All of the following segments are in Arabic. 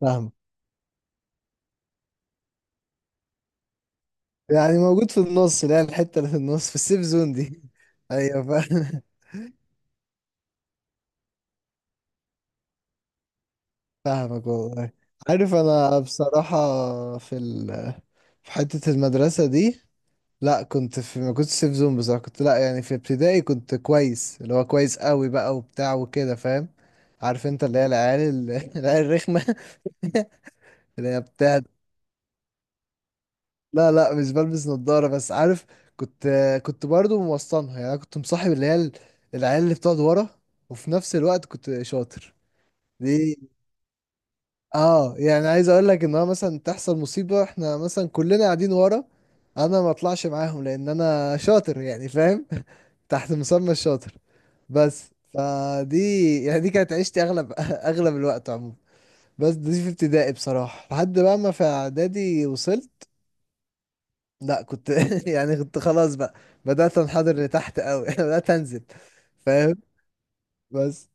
فاهم. يعني موجود في النص، اللي هي الحتة اللي في النص في السيف زون دي ايوه، فاهم. فاهمك والله. عارف، انا بصراحة في ال في حتة المدرسة دي، لا كنت في، ما كنتش سيف زون بصراحة. كنت، لا يعني في ابتدائي كنت كويس، اللي هو كويس قوي بقى وبتاع وكده، فاهم؟ عارف انت اللي هي العيال العيال الرخمة. اللي هي بتاع. لا لا، مش بلبس نظارة، بس عارف، كنت كنت برضو موسطنها. يعني أنا كنت مصاحب اللي هي العيال اللي بتقعد ورا، وفي نفس الوقت كنت شاطر دي. اه، يعني عايز اقول لك ان هو مثلا تحصل مصيبة، احنا مثلا كلنا قاعدين ورا، انا ما اطلعش معاهم لان انا شاطر، يعني فاهم. تحت مسمى الشاطر. بس فدي، يعني دي كانت عيشتي اغلب، اغلب الوقت عموما. بس دي في ابتدائي بصراحة، لحد بقى ما في اعدادي وصلت، لا كنت يعني كنت خلاص بقى. بدأت انحدر لتحت قوي، بدأت انزل. فاهم؟ بس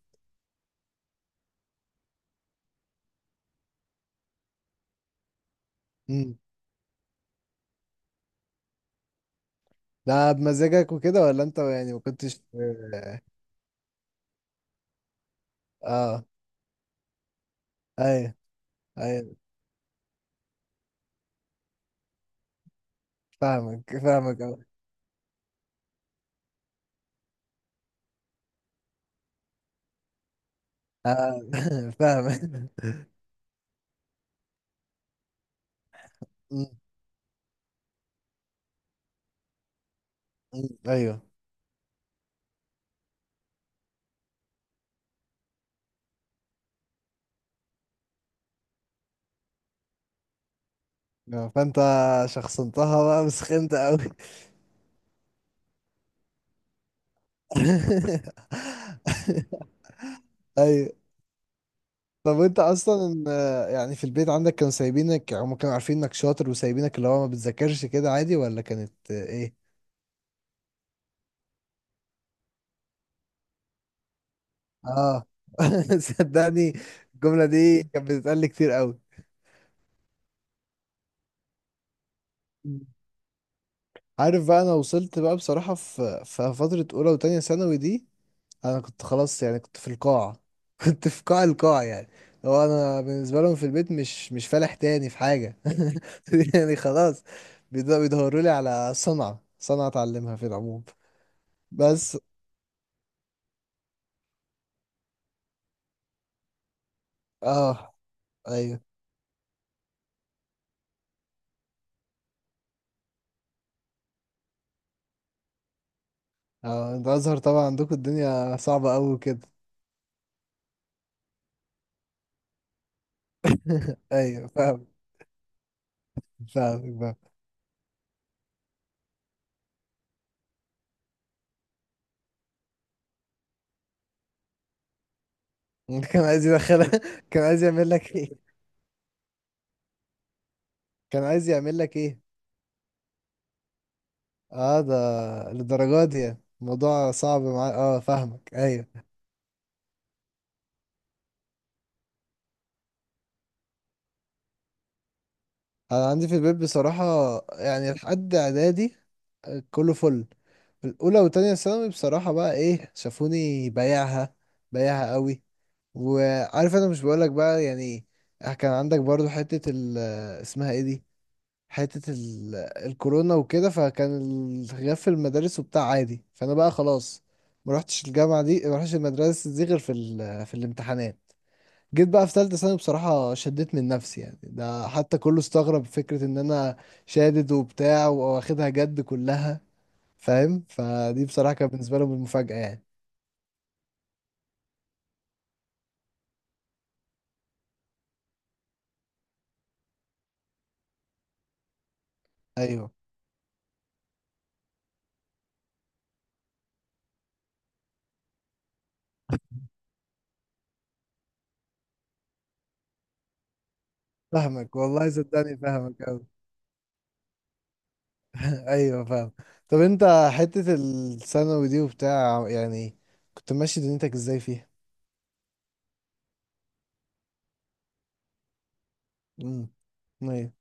مم. ده بمزاجك وكده، ولا انت يعني ما كنتش؟ اه. ايوه، ايوه فاهمك، فاهمك أوي. آه. فاهمك. مم. مم. ايوه. فانت شخصنتها بقى وسخنت قوي. ايوه. طب انت اصلا، يعني في البيت عندك كانوا سايبينك؟ هم كانوا عارفين انك شاطر وسايبينك اللي هو ما بتذاكرش كده عادي، ولا كانت ايه؟ اه صدقني، الجملة دي كانت بتتقال لي كتير قوي. مم. عارف بقى، انا وصلت بقى بصراحة في فترة اولى وتانية ثانوي دي، انا كنت خلاص، يعني كنت في القاع. كنت في قاع القاع يعني. هو انا بالنسبة لهم في البيت مش فالح تاني في حاجة. يعني خلاص، بيدوروا لي على صنعة، صنعة اتعلمها في العموم. بس. اه، ايوه. اه، انت ازهر طبعا، عندكم الدنيا صعبة قوي كده. ايوه فاهم. فاهم. كان عايز يدخلها؟ كان عايز يعمل لك ايه؟ كان عايز يعمل لك ايه؟ اه ده للدرجات دي يعني. الموضوع صعب معايا، اه فاهمك ايوه. انا عندي في البيت بصراحة، يعني لحد اعدادي كله فل. في الاولى وتانية ثانوي بصراحة بقى ايه، شافوني بايعها، بايعها قوي. وعارف انا مش بقولك بقى يعني، كان عندك برضو حتة ال، اسمها ايه دي، حتة ال... الكورونا وكده، فكان الغياب في المدارس وبتاع عادي، فأنا بقى خلاص ما رحتش الجامعة دي، ما رحتش المدرسة دي، غير في الامتحانات. جيت بقى في تالتة ثانوي، بصراحة شديت من نفسي، يعني ده حتى كله استغرب فكرة إن أنا شادد وبتاع وواخدها جد كلها، فاهم. فدي بصراحة كانت بالنسبة لهم المفاجأة يعني. أيوه فاهمك والله، صدقني فاهمك أوي. أيوه فاهم. طب أنت حتة الثانوي دي وبتاع، يعني كنت ماشي دنيتك إزاي فيها؟ امم. ايوه،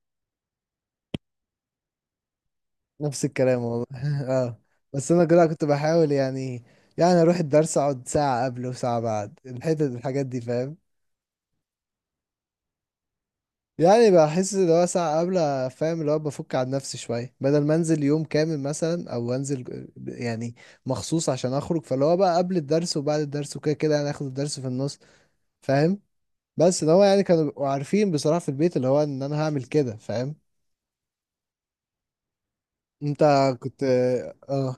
نفس الكلام والله. اه. بس انا كده كنت بحاول، يعني يعني اروح الدرس اقعد ساعة قبل وساعة بعد، الحتة الحاجات دي فاهم. يعني بحس اللي هو ساعة قبل، فاهم، اللي هو بفك عن نفسي شوية، بدل ما انزل يوم كامل مثلا او انزل يعني مخصوص عشان اخرج. فاللي هو بقى قبل الدرس وبعد الدرس وكده كده، يعني اخد الدرس في النص، فاهم. بس اللي هو يعني كانوا بيبقوا عارفين بصراحة في البيت اللي هو ان انا هعمل كده، فاهم؟ انت كنت. اه،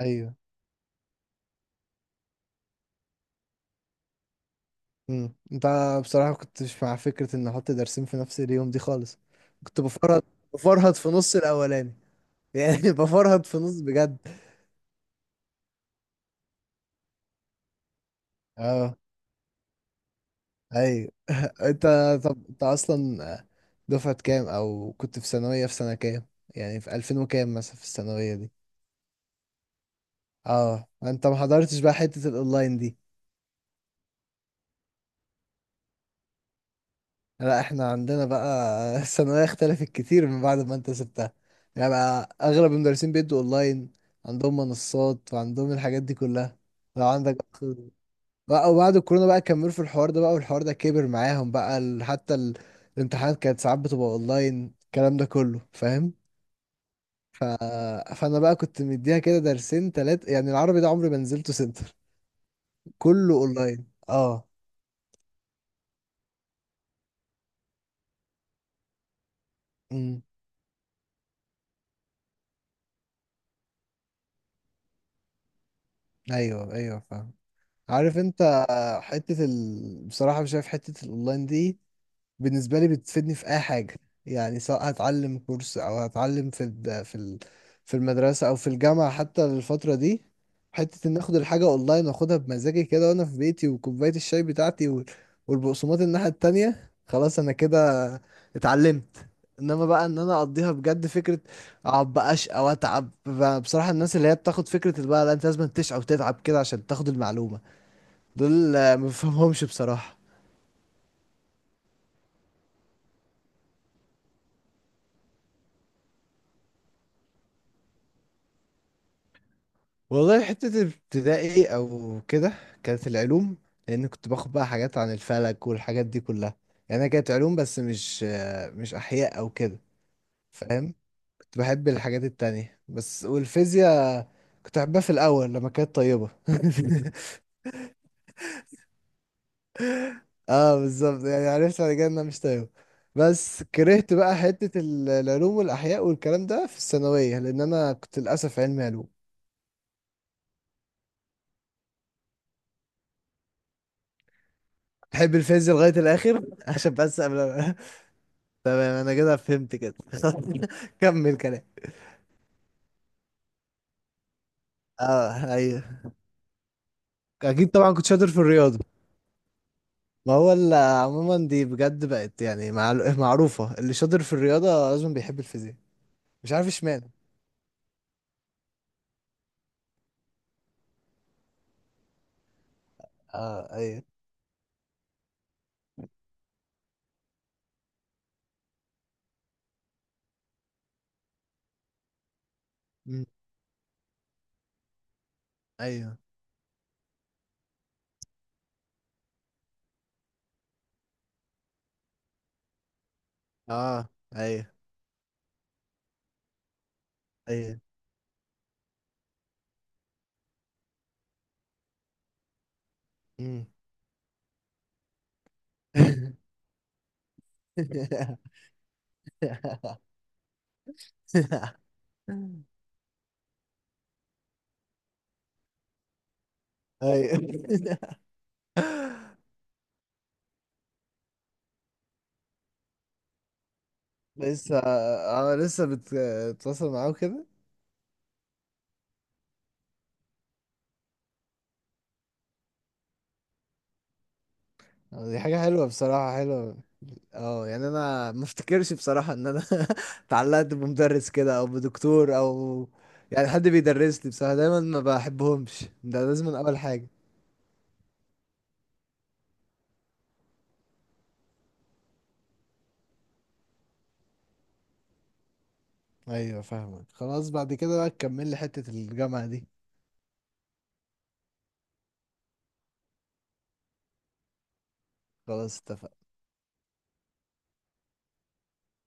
ايوه، مم. انت بصراحة كنتش مع فكرة ان احط درسين في نفس اليوم دي خالص. كنت بفرهد، بفرهد في نص الاولاني. يعني بفرهد في نص بجد. اه، ايوه. انت، طب انت اصلا دفعة كام، او كنت في ثانوية في سنة كام، يعني في 2000 وكام مثلا في الثانوية دي؟ اه انت ما حضرتش بقى حتة الاونلاين دي. لا، احنا عندنا بقى الثانوية اختلفت كتير من بعد ما انت سبتها، يعني بقى اغلب المدرسين بيدوا اونلاين، عندهم منصات وعندهم الحاجات دي كلها. لو عندك بقى، وبعد الكورونا بقى كملوا في الحوار ده بقى، والحوار ده كبر معاهم بقى حتى الامتحانات كانت ساعات بتبقى اونلاين، الكلام ده كله فاهم. ف... فانا بقى كنت مديها كده درسين تلات، يعني العربي ده عمري ما نزلته سنتر. كله اونلاين اه. امم. ايوه، ايوه فاهم. عارف انت حتة بصراحة شايف حتة الاونلاين دي بالنسبة لي بتفيدني في اي حاجة، يعني سواء هتعلم كورس او هتعلم في المدرسة او في الجامعة حتى، للفترة دي. حتة ان اخد الحاجة اونلاين واخدها بمزاجي كده، وانا في بيتي وكوباية الشاي بتاعتي والبقسماط الناحية التانية، خلاص انا كده اتعلمت. انما بقى ان انا اقضيها بجد، فكرة اقعد بقى اشقى واتعب بصراحة الناس اللي هي بتاخد فكرة، اللي بقى لا انت لازم تشقى وتتعب كده عشان تاخد المعلومة، دول ما بفهمهمش بصراحة. والله حتة الابتدائي أو كده كانت العلوم، لأن كنت باخد بقى حاجات عن الفلك والحاجات دي كلها، يعني أنا كانت علوم، بس مش أحياء أو كده. فاهم. كنت بحب الحاجات التانية بس، والفيزياء كنت أحبها في الأول لما كانت طيبة. اه بالظبط، يعني عرفت بعد كده إنها مش طيبة. بس كرهت بقى حتة العلوم والأحياء والكلام ده في الثانوية، لأن أنا كنت للأسف علمي علوم. تحب الفيز لغاية الآخر؟ عشان بس قبل تمام أنا كده فهمت كده. كمل كلام. اه ايوه، اكيد طبعا كنت شاطر في الرياضة. ما هو عموما دي بجد بقت يعني معروفة، اللي شاطر في الرياضة لازم بيحب الفيزياء، مش عارف اشمعنى. اه، ايوه. مم. ايوه. اه، ايوه، ايوه. مم. ايوه. لسه بتتواصل معاه كده. دي حاجة حلوة بصراحة، حلوة. اه يعني انا ما افتكرش بصراحة ان انا اتعلقت بمدرس كده او بدكتور او، يعني حد بيدرس لي بصراحة دايما ما بحبهمش، ده لازم من اول حاجة. ايوه فاهمك خلاص، بعد كده بقى تكمل لي حتة الجامعة دي. خلاص اتفقنا.